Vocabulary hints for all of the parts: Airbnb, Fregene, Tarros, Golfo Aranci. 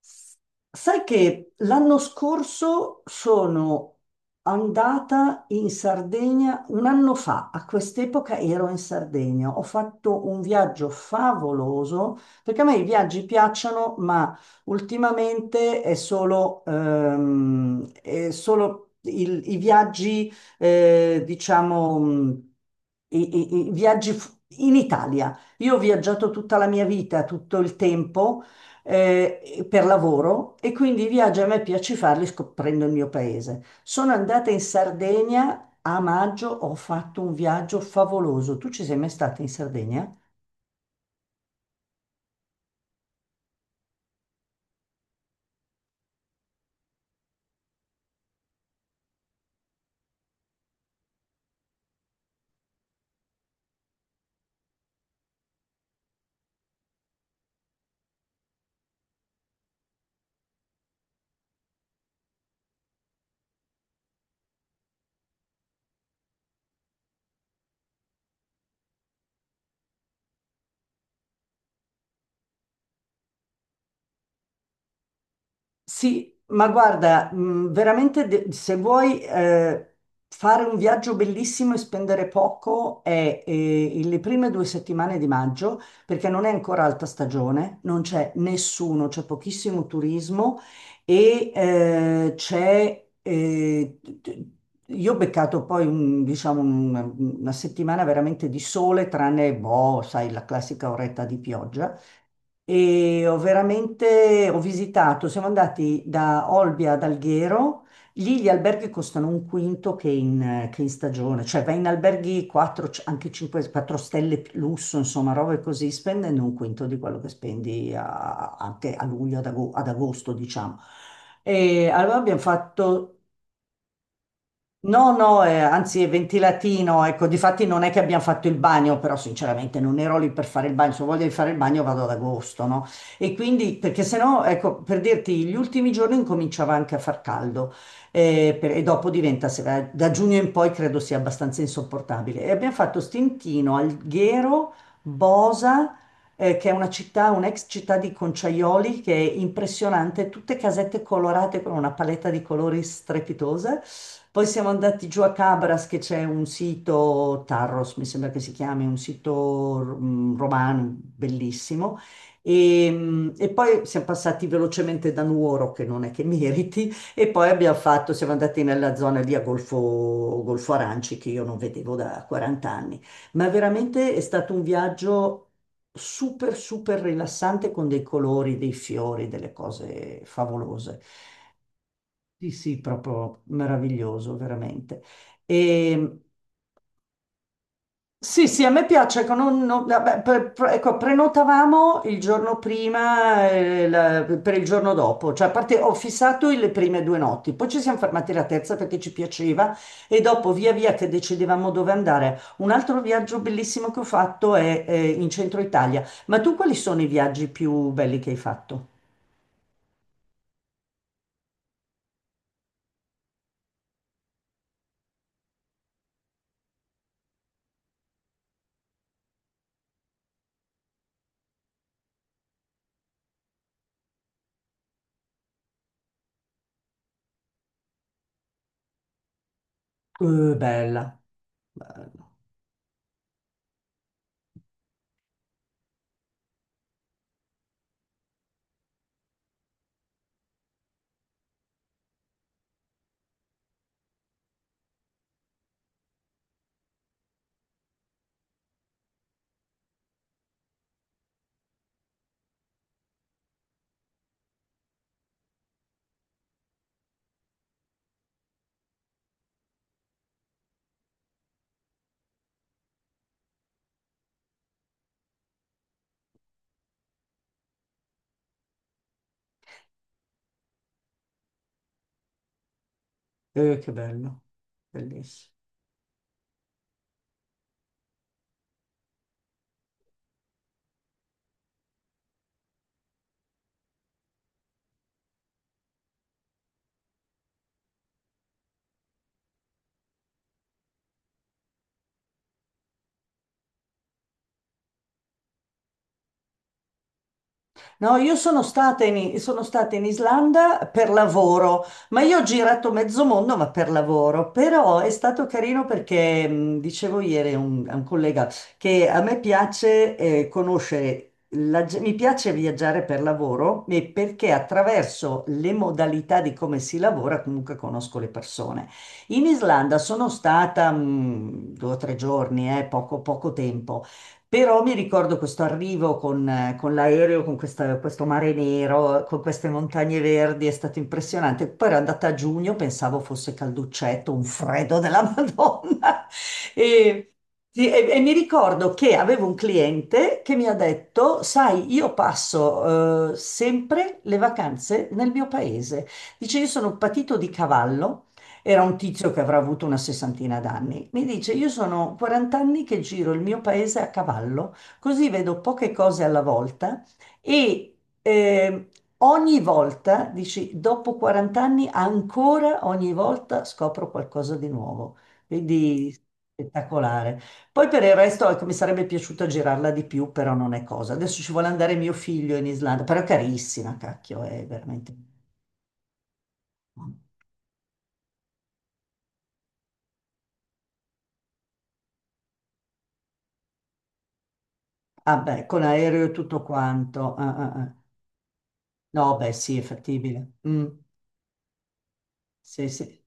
S- Sai che l'anno scorso sono andata in Sardegna, un anno fa, a quest'epoca ero in Sardegna, ho fatto un viaggio favoloso, perché a me i viaggi piacciono, ma ultimamente è solo i viaggi, diciamo, i viaggi in Italia. Io ho viaggiato tutta la mia vita, tutto il tempo per lavoro e quindi i viaggi a me piace farli scoprendo il mio paese. Sono andata in Sardegna a maggio, ho fatto un viaggio favoloso. Tu ci sei mai stata in Sardegna? Sì, ma guarda, veramente se vuoi fare un viaggio bellissimo e spendere poco è, le prime due settimane di maggio, perché non è ancora alta stagione, non c'è nessuno, c'è pochissimo turismo e c'è... io ho beccato poi diciamo, una settimana veramente di sole, tranne, boh, sai, la classica oretta di pioggia e ho veramente, ho visitato, siamo andati da Olbia ad Alghero, lì gli alberghi costano un quinto che in stagione, cioè vai in alberghi 4, anche 5, 4 stelle più lusso, insomma, robe così, spendendo un quinto di quello che spendi anche a luglio, ad agosto, diciamo. E allora abbiamo fatto. No, no, anzi è ventilatino, ecco, difatti non è che abbiamo fatto il bagno, però sinceramente non ero lì per fare il bagno, se ho voglia di fare il bagno vado ad agosto, no? E quindi, perché se no, ecco, per dirti, gli ultimi giorni incominciava anche a far caldo e dopo diventa, da giugno in poi credo sia abbastanza insopportabile. E abbiamo fatto Stintino, Alghero, Bosa che è una città, un'ex città di Conciaioli, che è impressionante, tutte casette colorate con una paletta di colori strepitosa. Poi siamo andati giù a Cabras, che c'è un sito, Tarros mi sembra che si chiami, un sito mm, romano bellissimo. E, mm, e poi siamo passati velocemente da Nuoro, che non è che meriti, e poi abbiamo fatto, siamo andati nella zona lì a Golfo, Golfo Aranci, che io non vedevo da 40 anni, ma veramente è stato un viaggio super, super rilassante con dei colori, dei fiori, delle cose favolose. Sì, sì, proprio meraviglioso, veramente. E sì, sì, a me piace, ecco, vabbè, ecco, prenotavamo il giorno prima per il giorno dopo, cioè a parte, ho fissato le prime due notti, poi ci siamo fermati la terza perché ci piaceva e dopo via via che decidevamo dove andare. Un altro viaggio bellissimo che ho fatto è, in centro Italia, ma tu quali sono i viaggi più belli che hai fatto? Bella, bella. Che bello, bellissimo. No, io sono sono stata in Islanda per lavoro, ma io ho girato mezzo mondo, ma per lavoro. Però è stato carino perché, dicevo ieri a un collega, che a me piace conoscere, mi piace viaggiare per lavoro e perché attraverso le modalità di come si lavora comunque conosco le persone. In Islanda sono stata due o tre giorni, poco, poco tempo. Però mi ricordo questo arrivo con l'aereo, con questo mare nero, con queste montagne verdi, è stato impressionante. Poi ero andata a giugno, pensavo fosse calduccetto, un freddo della Madonna. E, sì, e mi ricordo che avevo un cliente che mi ha detto, sai, io passo sempre le vacanze nel mio paese. Dice, io sono un patito di cavallo, era un tizio che avrà avuto una sessantina d'anni. Mi dice: "Io sono 40 anni che giro il mio paese a cavallo, così vedo poche cose alla volta e ehm, ogni volta", dici, "dopo 40 anni, ancora ogni volta scopro qualcosa di nuovo". Quindi spettacolare. Poi per il resto, ecco, mi sarebbe piaciuto girarla di più, però non è cosa. Adesso ci vuole andare mio figlio in Islanda, però è carissima, cacchio, è veramente. Ah beh, con aereo e tutto quanto. Ah, ah, ah. No, beh, sì, è fattibile. Mm, sì, sì.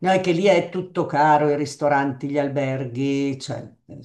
No, è che lì è tutto caro, i ristoranti, gli alberghi, cioè... eh,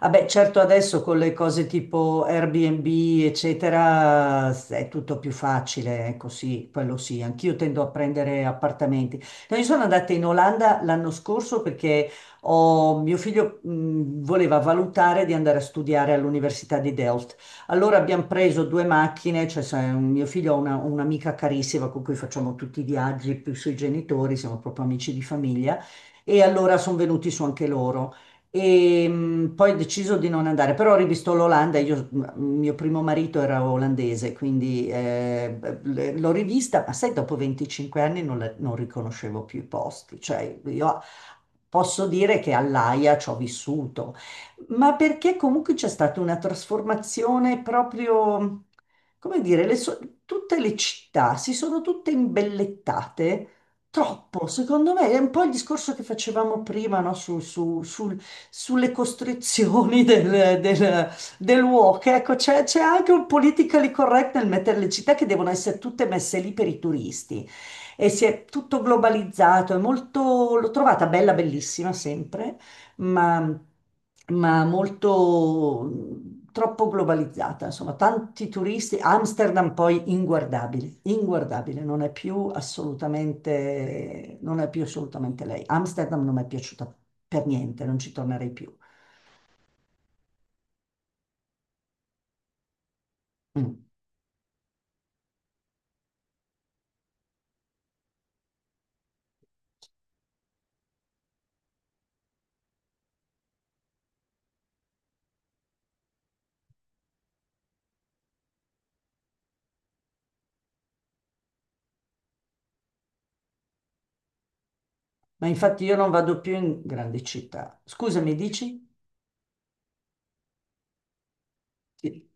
vabbè, certo adesso con le cose tipo Airbnb, eccetera, è tutto più facile, ecco sì, quello sì, anch'io tendo a prendere appartamenti. No, io sono andata in Olanda l'anno scorso perché mio figlio voleva valutare di andare a studiare all'Università di Delft. Allora abbiamo preso due macchine, cioè sai, mio figlio ha un'amica carissima con cui facciamo tutti i viaggi, più i suoi genitori, siamo proprio amici di famiglia, e allora sono venuti su anche loro. E poi ho deciso di non andare, però ho rivisto l'Olanda, io, mio primo marito era olandese, quindi l'ho rivista, ma sai, dopo 25 anni non, non riconoscevo più i posti, cioè io posso dire che all'Aia ci ho vissuto, ma perché comunque c'è stata una trasformazione proprio, come dire, tutte le città si sono tutte imbellettate troppo, secondo me è un po' il discorso che facevamo prima, no? Sulle costrizioni del walk. Ecco, c'è anche un politically correct nel mettere le città che devono essere tutte messe lì per i turisti. E si è tutto globalizzato, è molto, l'ho trovata bella, bellissima sempre, ma, ma molto troppo globalizzata, insomma, tanti turisti. Amsterdam poi inguardabile, inguardabile, non è più assolutamente, non è più assolutamente lei. Amsterdam non mi è piaciuta per niente, non ci tornerei più. Mm. Ma infatti io non vado più in grandi città. Scusami, dici? Sì.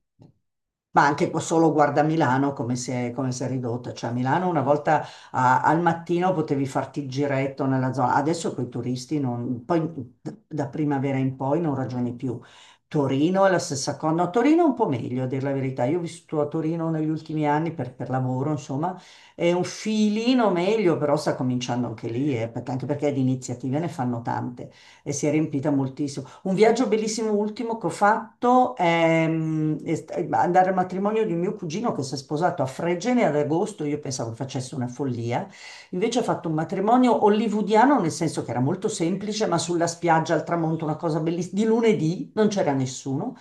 Ma anche solo guarda Milano come si è ridotta. Cioè, a Milano una volta al mattino potevi farti il giretto nella zona, adesso con i turisti non, poi da primavera in poi non ragioni più. Torino è la stessa cosa. No, Torino è un po' meglio, a dire la verità. Io ho vissuto a Torino negli ultimi anni per lavoro, insomma, è un filino meglio, però sta cominciando anche lì, anche perché di iniziative ne fanno tante e si è riempita moltissimo. Un viaggio bellissimo ultimo che ho fatto è, mm, è andare al matrimonio di un mio cugino che si è sposato a Fregene ad agosto. Io pensavo che facesse una follia. Invece ha fatto un matrimonio hollywoodiano, nel senso che era molto semplice, ma sulla spiaggia al tramonto, una cosa bellissima. Di lunedì non c'era nessuno.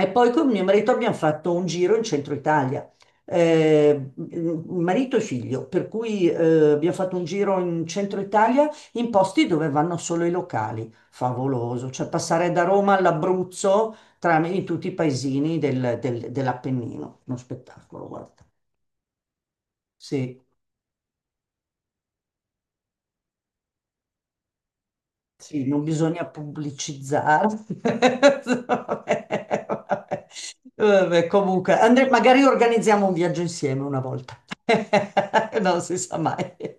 E poi con mio marito abbiamo fatto un giro in centro Italia, marito e figlio, per cui abbiamo fatto un giro in centro Italia in posti dove vanno solo i locali, favoloso, cioè passare da Roma all'Abruzzo tra, in tutti i paesini dell'Appennino, uno spettacolo, guarda. Sì. Sì, non bisogna pubblicizzare. Vabbè, vabbè, vabbè, comunque, magari organizziamo un viaggio insieme una volta. Non si sa mai.